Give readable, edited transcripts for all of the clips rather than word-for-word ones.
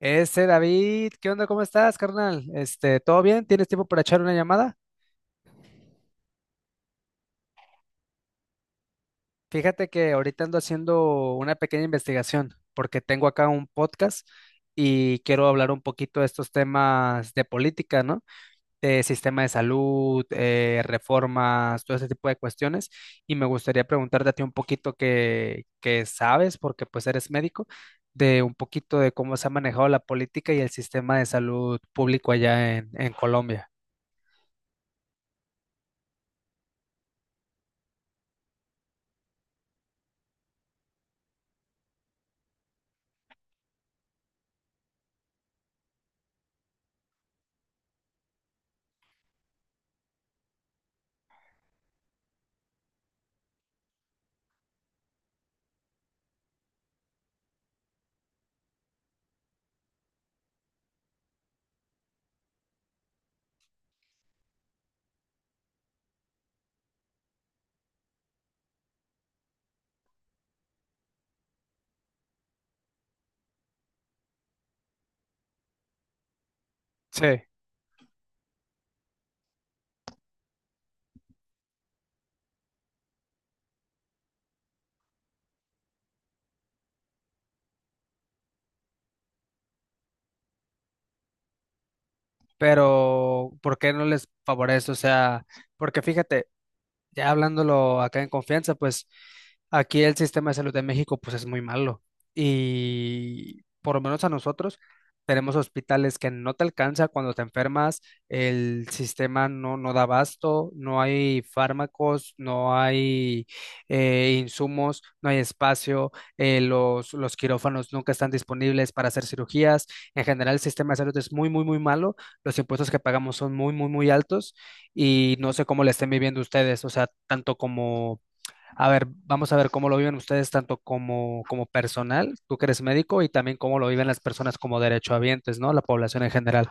Ese David, ¿qué onda? ¿Cómo estás, carnal? ¿Todo bien? ¿Tienes tiempo para echar una llamada? Fíjate que ahorita ando haciendo una pequeña investigación porque tengo acá un podcast y quiero hablar un poquito de estos temas de política, ¿no? De sistema de salud, reformas, todo ese tipo de cuestiones. Y me gustaría preguntarte a ti un poquito que sabes, porque pues eres médico, de un poquito de cómo se ha manejado la política y el sistema de salud público allá en Colombia. Sí, pero ¿por qué no les favorece? O sea, porque fíjate, ya hablándolo acá en confianza, pues aquí el sistema de salud de México pues es muy malo y por lo menos a nosotros tenemos hospitales que no te alcanza cuando te enfermas, el sistema no da abasto, no hay fármacos, no hay insumos, no hay espacio, los quirófanos nunca están disponibles para hacer cirugías, en general el sistema de salud es muy, muy, muy malo, los impuestos que pagamos son muy, muy, muy altos y no sé cómo la estén viviendo ustedes, o sea, tanto como, a ver, vamos a ver cómo lo viven ustedes, tanto como, como personal, tú que eres médico, y también cómo lo viven las personas como derechohabientes, ¿no? La población en general.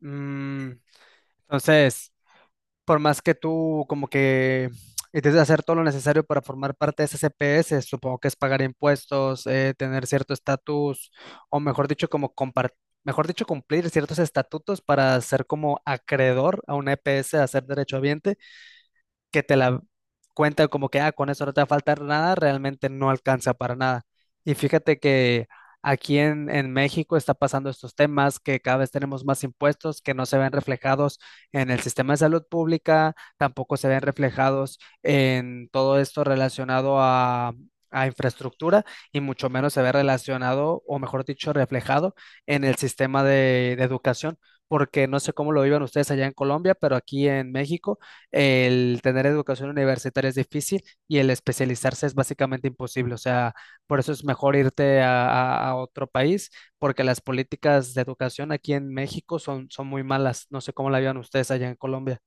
Mm, entonces, por más que tú como que intentes hacer todo lo necesario para formar parte de ese CPS, supongo que es pagar impuestos, tener cierto estatus, o mejor dicho, como compartir, mejor dicho, cumplir ciertos estatutos para ser como acreedor a una EPS, a ser derechohabiente, que te la cuenta como que, ah, con eso no te va a faltar nada, realmente no alcanza para nada. Y fíjate que aquí en México está pasando estos temas, que cada vez tenemos más impuestos que no se ven reflejados en el sistema de salud pública, tampoco se ven reflejados en todo esto relacionado a infraestructura y mucho menos se ve relacionado, o mejor dicho, reflejado en el sistema de educación, porque no sé cómo lo vivan ustedes allá en Colombia, pero aquí en México el tener educación universitaria es difícil y el especializarse es básicamente imposible. O sea, por eso es mejor irte a, a otro país, porque las políticas de educación aquí en México son muy malas. No sé cómo la vean ustedes allá en Colombia.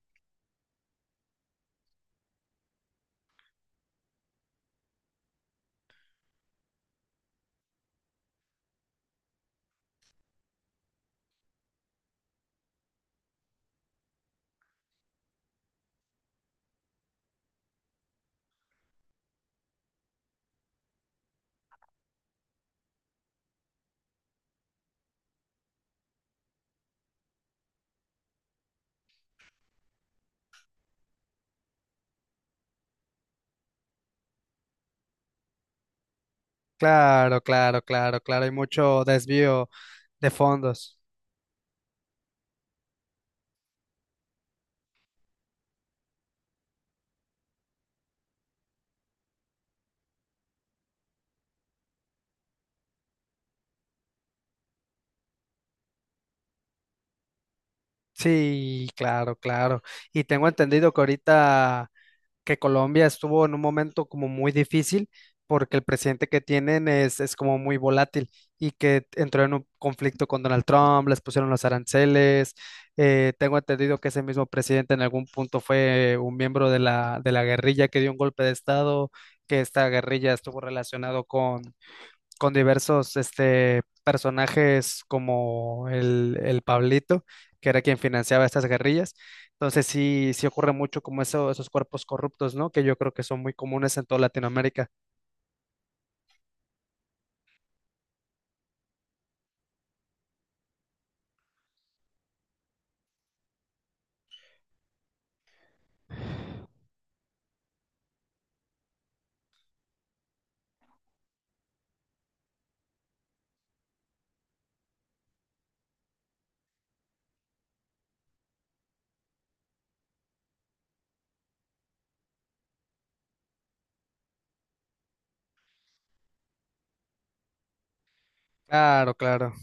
Claro, claro, claro, claro. Hay mucho desvío de fondos. Sí, claro, claro. Y tengo entendido que ahorita que Colombia estuvo en un momento como muy difícil porque el presidente que tienen es como muy volátil y que entró en un conflicto con Donald Trump, les pusieron los aranceles. Tengo entendido que ese mismo presidente en algún punto fue un miembro de la guerrilla que dio un golpe de estado, que esta guerrilla estuvo relacionado con diversos personajes como el Pablito, que era quien financiaba estas guerrillas. Entonces sí, sí ocurre mucho como eso, esos cuerpos corruptos, ¿no? Que yo creo que son muy comunes en toda Latinoamérica. Claro, claro.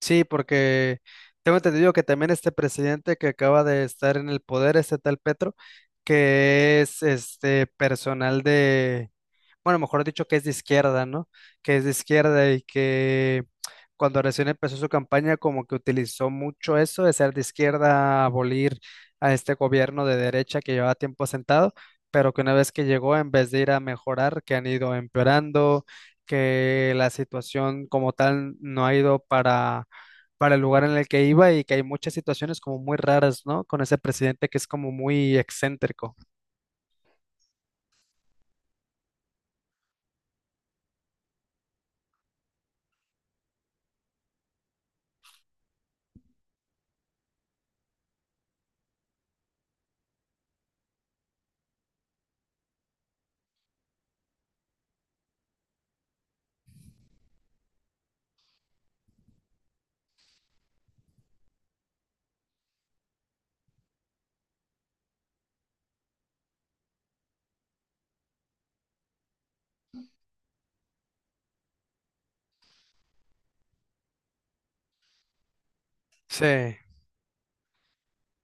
Sí, porque tengo entendido que también este presidente que acaba de estar en el poder, este tal Petro, que es este personal de, bueno, mejor dicho, que es de izquierda, ¿no? Que es de izquierda y que cuando recién empezó su campaña como que utilizó mucho eso de ser de izquierda, abolir a este gobierno de derecha que llevaba tiempo sentado, pero que una vez que llegó, en vez de ir a mejorar, que han ido empeorando, que la situación como tal no ha ido para el lugar en el que iba y que hay muchas situaciones como muy raras, ¿no? Con ese presidente que es como muy excéntrico. Sí,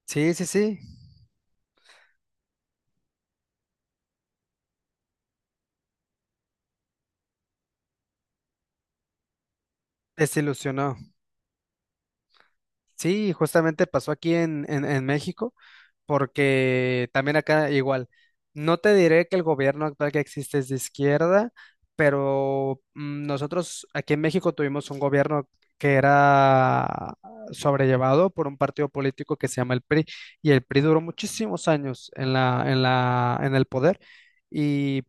sí, sí, sí, desilusionó. Sí, justamente pasó aquí en México, porque también acá igual. No te diré que el gobierno actual que existe es de izquierda, pero nosotros aquí en México tuvimos un gobierno que era sobrellevado por un partido político que se llama el PRI, y el PRI duró muchísimos años en la, en la, en el poder, y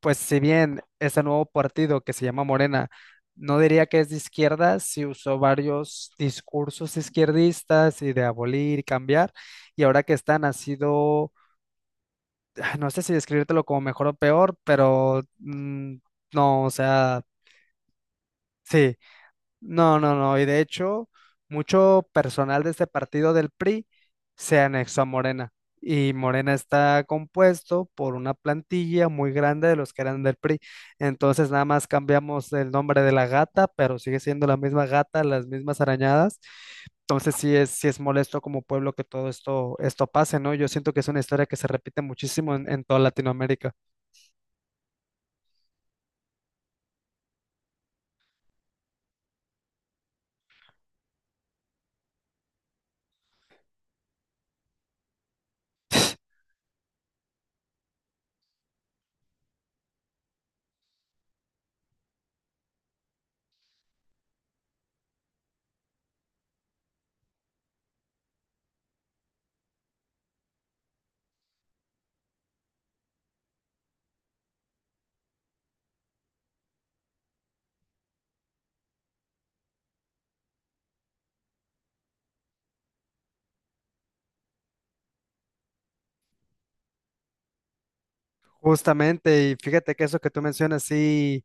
pues si bien ese nuevo partido que se llama Morena, no diría que es de izquierda, si usó varios discursos izquierdistas y de abolir y cambiar, y ahora que están ha sido, ah, no sé si describírtelo como mejor o peor, pero no, o sea, sí, no, no, no. Y de hecho, mucho personal de este partido del PRI se anexó a Morena. Y Morena está compuesto por una plantilla muy grande de los que eran del PRI. Entonces, nada más cambiamos el nombre de la gata, pero sigue siendo la misma gata, las mismas arañadas. Entonces, sí es molesto como pueblo que todo esto, esto pase, ¿no? Yo siento que es una historia que se repite muchísimo en toda Latinoamérica. Justamente, y fíjate que eso que tú mencionas, sí.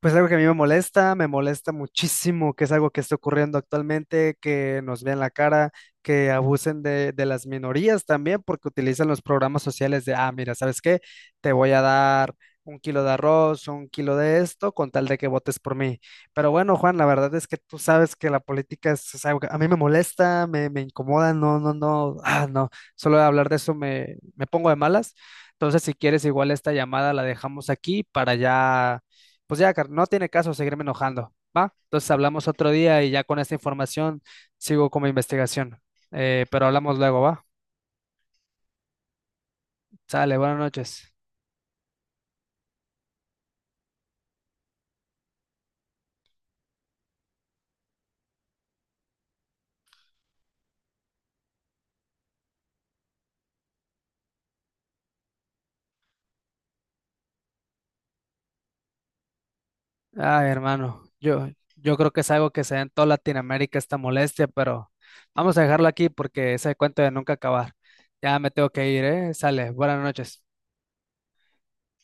Pues algo que a mí me molesta muchísimo, que es algo que está ocurriendo actualmente, que nos vean la cara, que abusen de las minorías también, porque utilizan los programas sociales de, ah, mira, ¿sabes qué? Te voy a dar un kilo de arroz, un kilo de esto, con tal de que votes por mí. Pero bueno, Juan, la verdad es que tú sabes que la política es algo que a mí me molesta, me incomoda, no, no, no, ah, no, solo de hablar de eso me pongo de malas. Entonces, si quieres, igual esta llamada la dejamos aquí para ya, pues ya, no tiene caso seguirme enojando, ¿va? Entonces hablamos otro día y ya con esta información sigo con mi investigación. Pero hablamos luego, ¿va? Sale, buenas noches. Ay, hermano, yo creo que es algo que se da en toda Latinoamérica esta molestia, pero vamos a dejarlo aquí porque ese cuento de nunca acabar. Ya me tengo que ir, ¿eh? Sale, buenas noches.